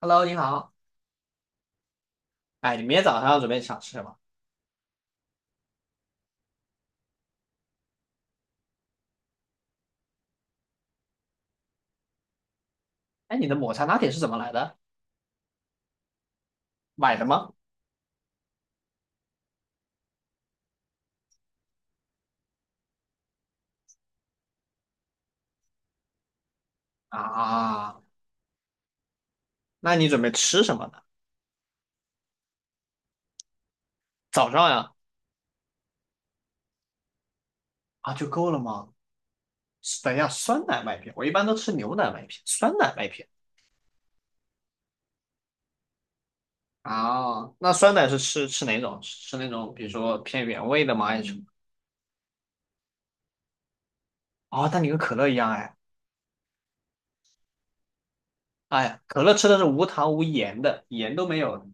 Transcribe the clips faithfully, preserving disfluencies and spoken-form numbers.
Hello，你好。哎，你明天早上准备想吃什么？哎，你的抹茶拿铁是怎么来的？买的吗？啊，那你准备吃什么呢？早上呀？啊，就够了吗？等一下，酸奶麦片，我一般都吃牛奶麦片，酸奶麦片。啊，那酸奶是吃吃哪种？吃那种比如说偏原味的吗？还是什么？哦，那你跟可乐一样哎。哎呀，可乐吃的是无糖无盐的，盐都没有的。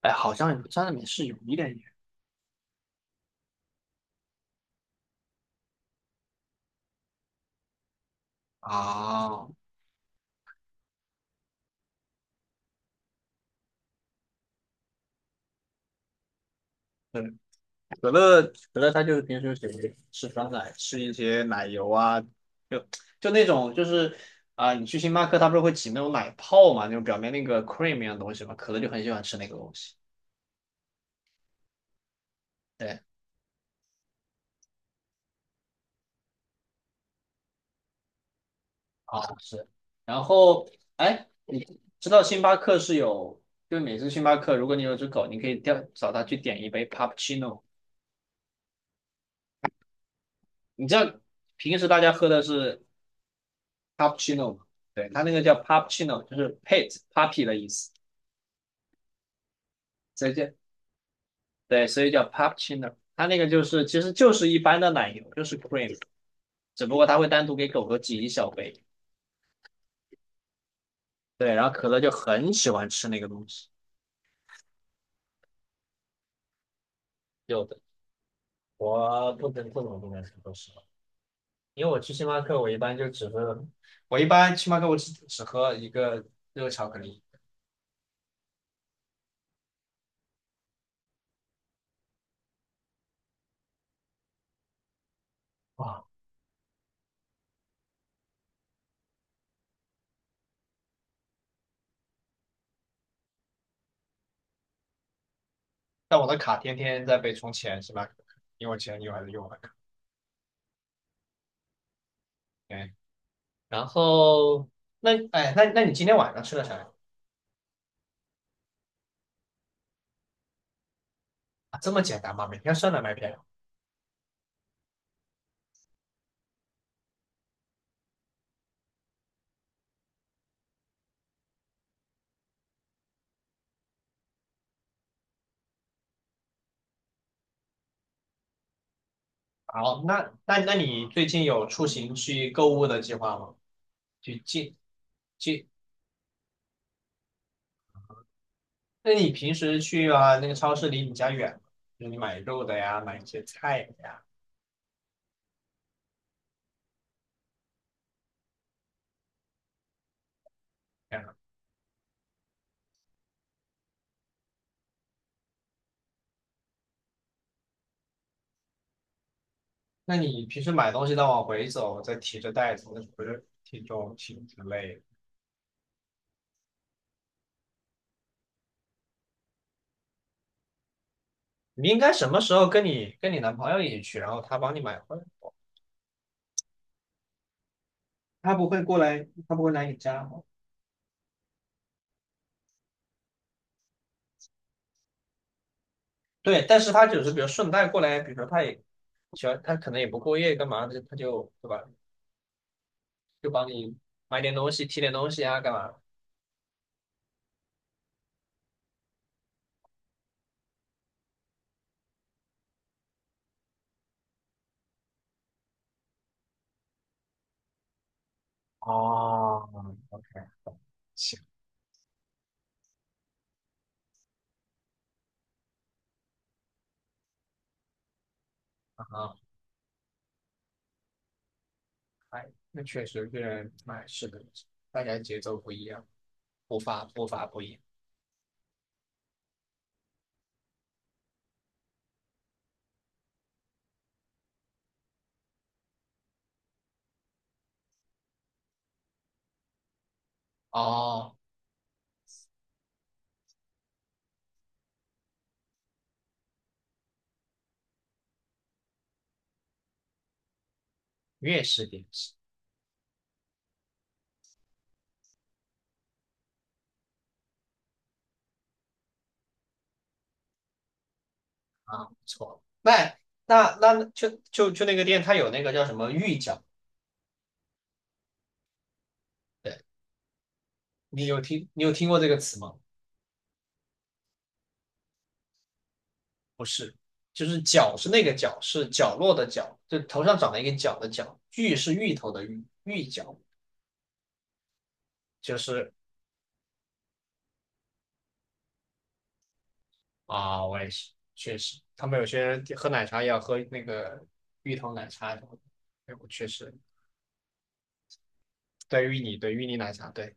哎，好像沾奶里面是有一点盐。啊，对，可乐可乐，它就是平时喜欢吃酸奶，吃一些奶油啊，就就那种，就是啊、你去星巴克，它不是会挤那种奶泡嘛，那种表面那个 cream 一样的东西嘛，可乐就很喜欢吃那个东西。对，啊，是。然后哎，你知道星巴克是有，就是每次星巴克，如果你有只狗，你可以叫找它去点一杯 cappuccino。你知道平时大家喝的是 cappuccino 吗？对，它那个叫 p u p c c i n o， 就是 pet puppy 的意思。再见。对，所以叫 p u p c h i n o， 它那个就是其实就是一般的奶油，就是 cream，只不过它会单独给狗狗挤一小杯。对，然后可乐就很喜欢吃那个东西。有的，我不能不能不能说实话，因为我去星巴克，我一般就只喝，我一般星巴克我只只喝一个热巧克力。哇，但我的卡天天在被充钱，星巴克，因为我前女友还是用我的卡。对，然后那哎，那那你今天晚上吃的啥呀？啊，这么简单吗？每天酸奶麦片。好，那那那你最近有出行去购物的计划吗？去进去？那你平时去啊那个超市离你家远吗？就是你买肉的呀，买一些菜的呀，这样。那你平时买东西再往回走，再提着袋子，那不是挺重挺挺累的？你应该什么时候跟你跟你男朋友一起去，然后他帮你买回来？他不会过来，他不会来你家吗？对，但是他只是比如顺带过来，比如说他也喜欢，他可能也不过夜干嘛的，他就，对吧？就帮你买点东西、提点东西啊，干嘛？哦，OK，行，啊，哎，那确实这人哎，是的，大家节奏不一样，步伐步伐不一样。哦，粤式点心啊，不错。那那那就就就那个店，它有那个叫什么芋角？对，你有听你有听过这个词吗？不是，就是角是那个角，是角落的角，就头上长了一个角的角，芋是芋头的芋，芋角就是啊，我也是，确实，他们有些人喝奶茶也要喝那个芋头奶茶什么的。哎，我确实，对芋泥，对芋泥奶茶，对，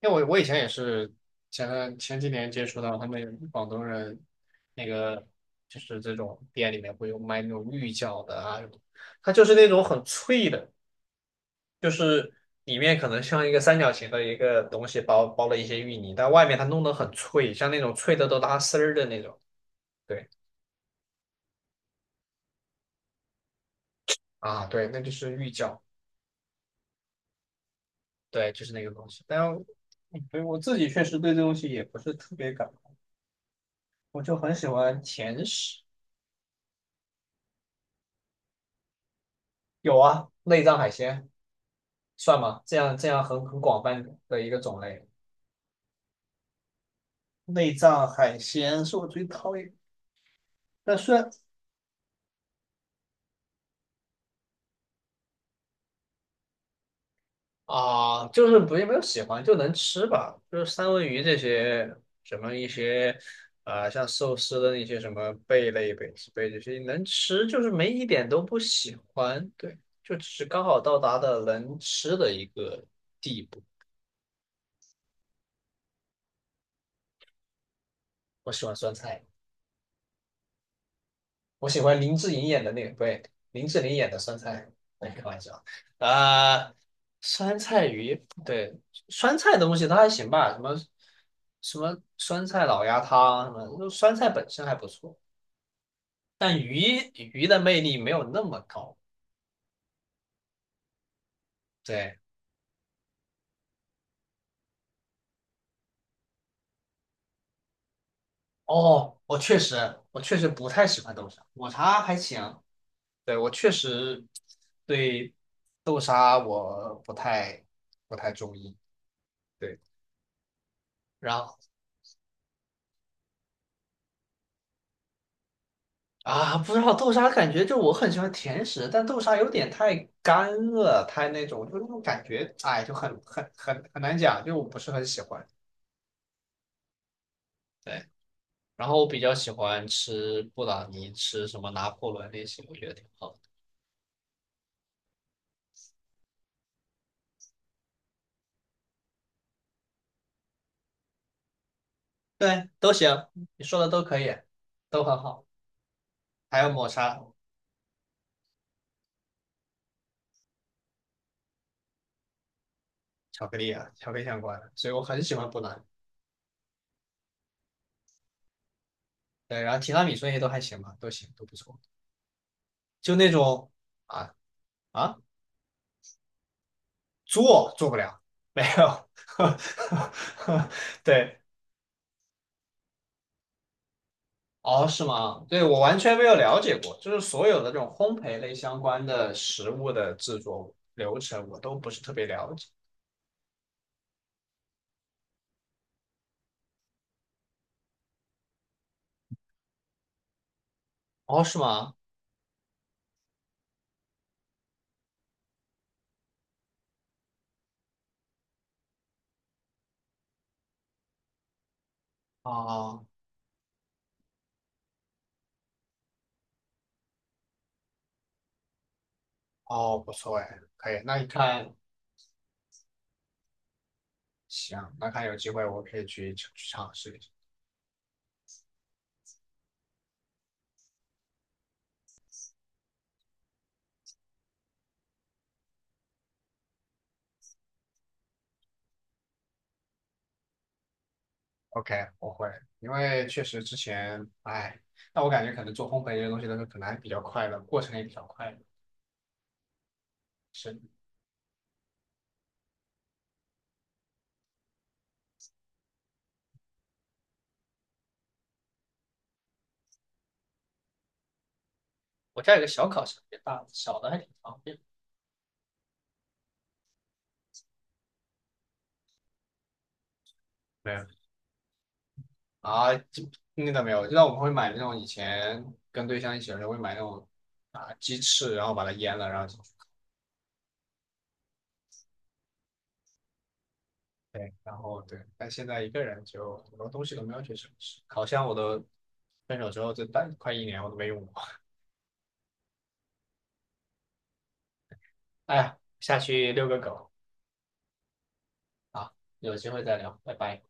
因为我我以前也是前段前几年接触到他们广东人，那个就是这种店里面会有卖那种芋饺的啊什么，它就是那种很脆的，就是里面可能像一个三角形的一个东西包包了一些芋泥，但外面它弄得很脆，像那种脆的都拉丝儿的那种。对啊，对，那就是芋饺。对，就是那个东西。但对我自己确实对这东西也不是特别感冒，我就很喜欢甜食。有啊，内脏海鲜算吗？这样这样很很广泛的一个种类。内脏海鲜是我最讨厌，但虽然啊，就是不，也没有喜欢，就能吃吧，就是三文鱼这些，什么一些，啊、像寿司的那些什么贝类、贝子贝这些能吃，就是没一点都不喜欢，对，就只是刚好到达的能吃的一个地步。我喜欢酸菜。我喜欢林志颖演的那个，不对，林志玲演的酸菜，哎，开玩笑，啊、酸菜鱼，对，酸菜的东西它还行吧，什么什么酸菜老鸭汤，什么就酸菜本身还不错，但鱼鱼的魅力没有那么高。对，哦，我确实，我确实不太喜欢豆沙，抹茶还行，对，我确实对豆沙我不太不太中意。对。然后。啊，不知道豆沙，感觉就我很喜欢甜食，但豆沙有点太干了，太那种，就那种感觉，哎，就很很很很难讲，就我不是很喜欢。对，然后我比较喜欢吃布朗尼，吃什么拿破仑那些，我觉得挺好的。对，都行，你说的都可以，都很好。还有抹茶、巧克力啊，巧克力相关的，所以我很喜欢布朗尼。对，然后提拉米苏那些都还行吧，都行，都不错。就那种啊啊。做做不了，没有。对，哦，是吗？对，我完全没有了解过，就是所有的这种烘焙类相关的食物的制作流程，我都不是特别了解。哦，是吗？哦，哦，不错哎，可以。那你看，行，那看有机会我可以去去尝试一下。OK，我会，因为确实之前，哎，那我感觉可能做烘焙这些东西的时候，可能还比较快的，过程也比较快的。是，我家有个小烤箱，也大，小的还挺方便。没有啊，这那倒没有。那我们会买那种以前跟对象一起的时候会买那种啊鸡翅，然后把它腌了，然后进去，对，然后对。但现在一个人就很多东西都没有去尝试，烤箱我都分手之后这大快一年我都没用过。哎呀，下去遛个狗啊，有机会再聊，拜拜。